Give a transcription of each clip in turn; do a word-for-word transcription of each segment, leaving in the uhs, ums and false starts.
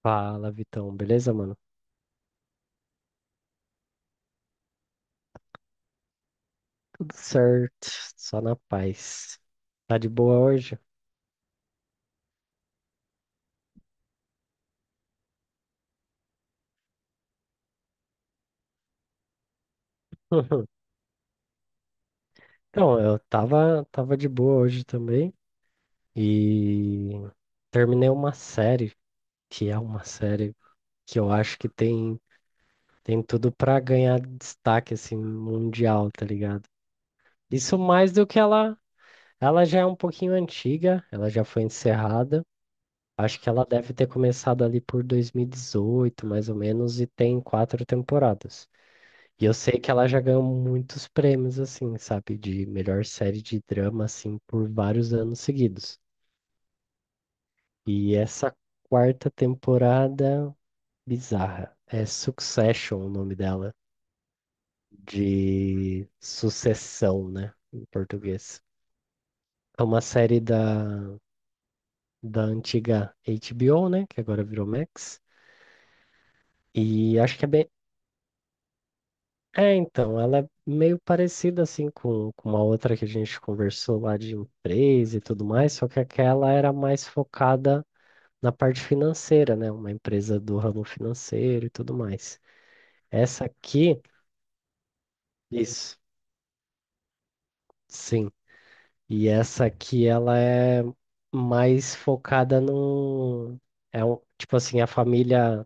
Fala, Vitão. Beleza, mano? Tudo certo, só na paz. Tá de boa hoje? Então, eu tava, tava de boa hoje também e terminei uma série, que é uma série que eu acho que tem, tem tudo pra ganhar destaque, assim, mundial, tá ligado? Isso mais do que ela, ela já é um pouquinho antiga, ela já foi encerrada. Acho que ela deve ter começado ali por dois mil e dezoito mais ou menos, e tem quatro temporadas. E eu sei que ela já ganhou muitos prêmios, assim, sabe? De melhor série de drama, assim, por vários anos seguidos. E essa quarta temporada, bizarra. É Succession o nome dela, de sucessão, né? Em português. É uma série da, da antiga H B O, né? Que agora virou Max. E acho que é bem. É, então, ela é meio parecida assim com, com uma outra que a gente conversou lá de empresa e tudo mais, só que aquela era mais focada na parte financeira, né? Uma empresa do ramo financeiro e tudo mais. Essa aqui, isso, sim. E essa aqui, ela é mais focada no, é um, tipo assim, a família,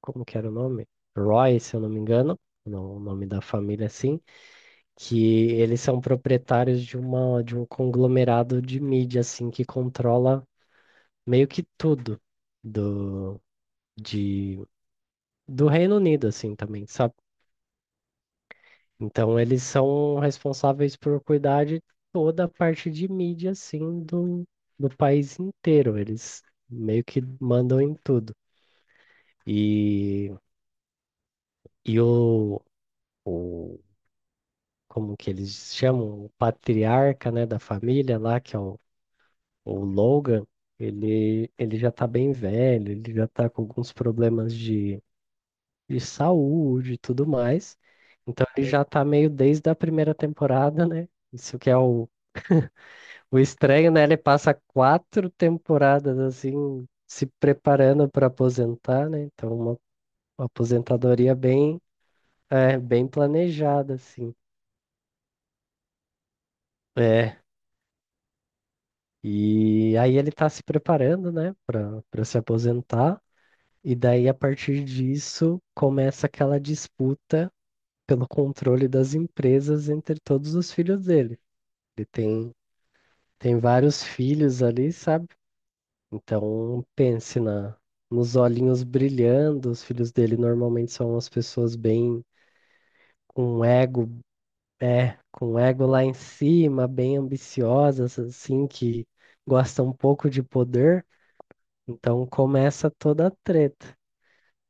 como que era o nome? Roy, se eu não me engano, no- o nome da família, assim. Que eles são proprietários de uma de um conglomerado de mídia assim que controla meio que tudo do de do Reino Unido assim também, sabe? Então eles são responsáveis por cuidar de toda a parte de mídia assim do do país inteiro. Eles meio que mandam em tudo. E e o, o Como que eles chamam? O patriarca, né, da família lá, que é o o Logan. Ele, ele já tá bem velho, ele já tá com alguns problemas de, de saúde e tudo mais. Então ele já tá meio desde a primeira temporada, né? Isso que é o, o estranho, né? Ele passa quatro temporadas assim, se preparando para aposentar, né? Então uma, uma aposentadoria bem, é, bem planejada, assim. É. E aí ele tá se preparando, né, para para se aposentar. E daí, a partir disso, começa aquela disputa pelo controle das empresas entre todos os filhos dele. Ele tem, Tem vários filhos ali, sabe? Então, pense na, nos olhinhos brilhando. Os filhos dele normalmente são umas pessoas bem com ego, é, com ego lá em cima, bem ambiciosas, assim, que gostam um pouco de poder. Então, começa toda a treta.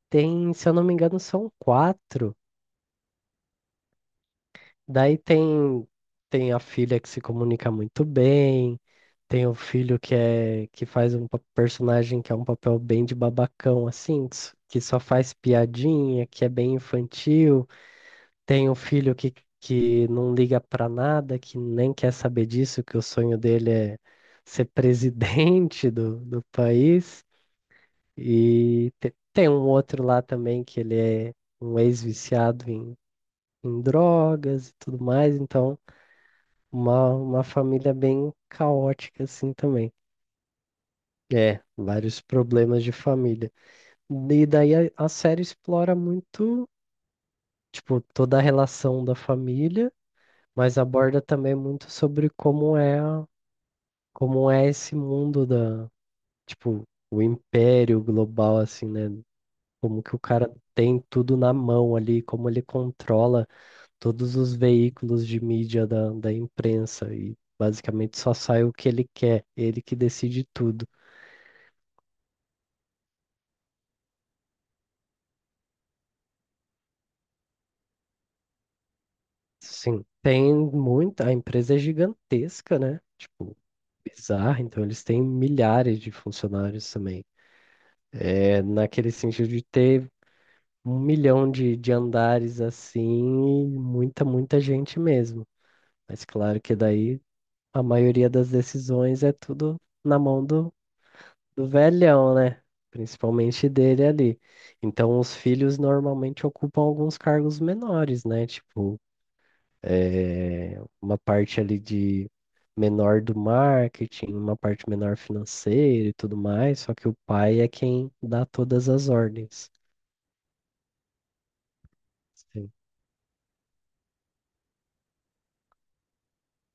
Tem, se eu não me engano, são quatro. Daí tem, Tem a filha que se comunica muito bem, tem o filho que é que faz um pa- personagem que é um papel bem de babacão, assim, que s- que só faz piadinha, que é bem infantil, tem o filho que, que não liga pra nada, que nem quer saber disso, que o sonho dele é ser presidente do, do país, e te- tem um outro lá também que ele é um ex-viciado em, em drogas e tudo mais, então. Uma, uma família bem caótica, assim, também. É, vários problemas de família. E daí a, a série explora muito, tipo, toda a relação da família, mas aborda também muito sobre como é, a- como é esse mundo da, tipo, o império global, assim, né? Como que o cara tem tudo na mão ali, como ele controla todos os veículos de mídia da, da imprensa e basicamente só sai o que ele quer, ele que decide tudo. Sim, tem muita, a empresa é gigantesca, né? Tipo, bizarra, então eles têm milhares de funcionários também. É naquele sentido de ter um milhão de, de andares assim, e muita, muita gente mesmo. Mas claro que daí a maioria das decisões é tudo na mão do, do velhão, né? Principalmente dele ali. Então os filhos normalmente ocupam alguns cargos menores, né? Tipo, eh, uma parte ali de menor do marketing, uma parte menor financeira e tudo mais, só que o pai é quem dá todas as ordens. Sim.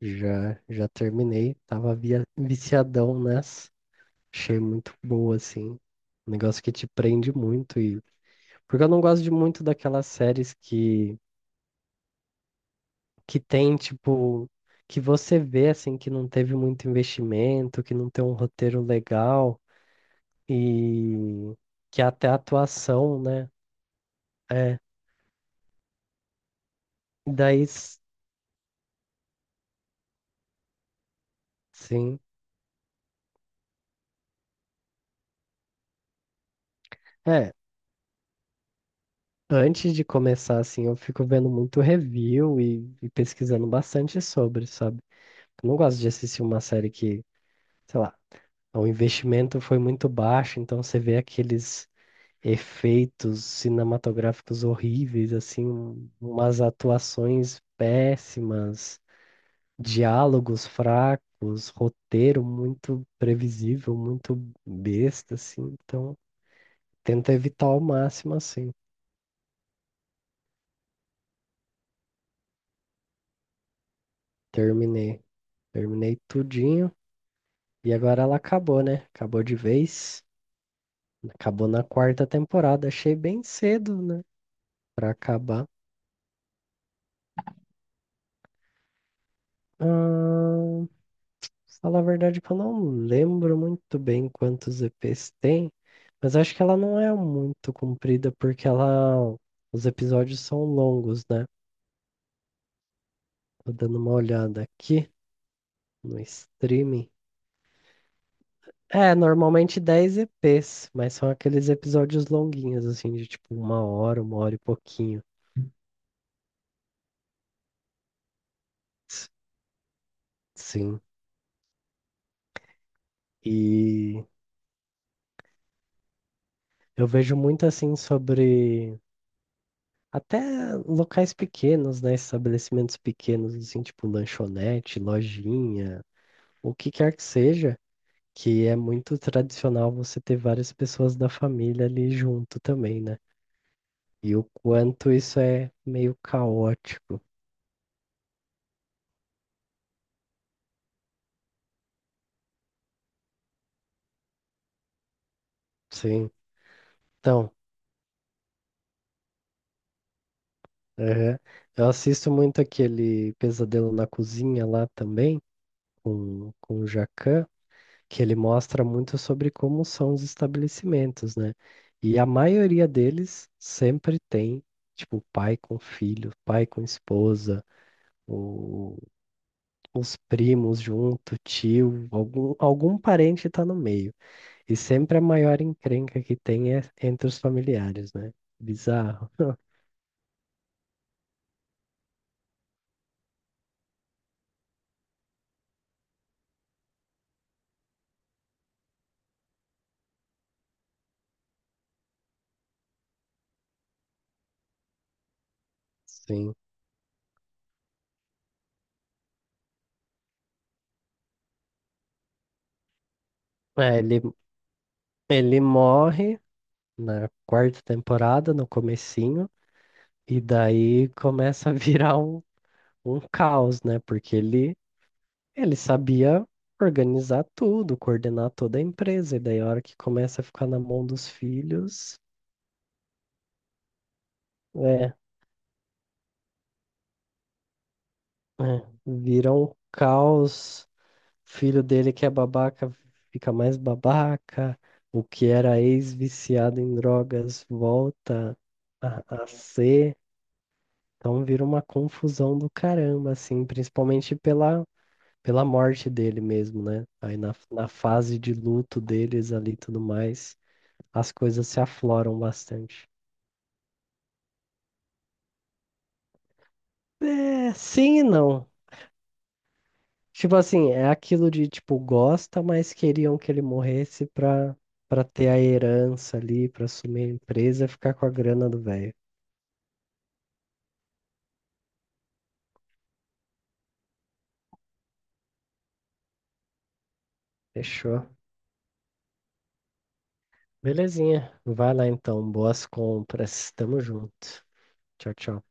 Já, já terminei, tava via- viciadão nessa, achei muito boa, assim, um negócio que te prende muito, e porque eu não gosto de muito daquelas séries que, que tem, tipo, que você vê, assim, que não teve muito investimento, que não tem um roteiro legal. E que até a atuação, né? É. Daí, s- sim. É, antes de começar, assim, eu fico vendo muito review e, e pesquisando bastante sobre, sabe? Eu não gosto de assistir uma série que, sei lá, o investimento foi muito baixo, então você vê aqueles efeitos cinematográficos horríveis, assim, um- umas atuações péssimas. Diálogos fracos, roteiro muito previsível, muito besta, assim. Então, tenta evitar ao máximo, assim. Terminei. Terminei tudinho. E agora ela acabou, né? Acabou de vez. Acabou na quarta temporada. Achei bem cedo, né? Pra acabar. Ah, falar a verdade que eu não lembro muito bem quantos E Pês tem. Mas acho que ela não é muito comprida porque ela. Os episódios são longos, né? Tô dando uma olhada aqui no streaming. É, normalmente dez E Pês, mas são aqueles episódios longuinhos, assim, de tipo uma hora, uma hora e pouquinho. S- Sim. E eu vejo muito assim sobre até locais pequenos, né? Estabelecimentos pequenos, assim, tipo lanchonete, lojinha, o que quer que seja, que é muito tradicional você ter várias pessoas da família ali junto também, né? E o quanto isso é meio caótico. Sim. Então, aham. Eu assisto muito aquele Pesadelo na Cozinha lá também, com, com o Jacquin, que ele mostra muito sobre como são os estabelecimentos, né? E a maioria deles sempre tem, tipo, pai com filho, pai com esposa, o- os primos junto, tio, algum, algum parente tá no meio. E sempre a maior encrenca que tem é entre os familiares, né? Bizarro. Sim. É, ele. Ele morre na quarta temporada, no comecinho, e daí começa a virar um, um caos, né? Porque ele, ele sabia organizar tudo, coordenar toda a empresa, e daí a hora que começa a ficar na mão dos filhos, é, é, vira um caos. Filho dele que é babaca fica mais babaca, o que era ex-viciado em drogas volta a, a ser. Então vira uma confusão do caramba, assim, principalmente pela, pela morte dele mesmo, né? Aí na, na fase de luto deles ali e tudo mais, as coisas se afloram bastante. É, sim e não. Tipo assim, é aquilo de, tipo, gosta, mas queriam que ele morresse pra, pra ter a herança ali, pra assumir a empresa e ficar com a grana do velho. Fechou. Belezinha. Vai lá então. Boas compras. Tamo junto. Tchau, tchau.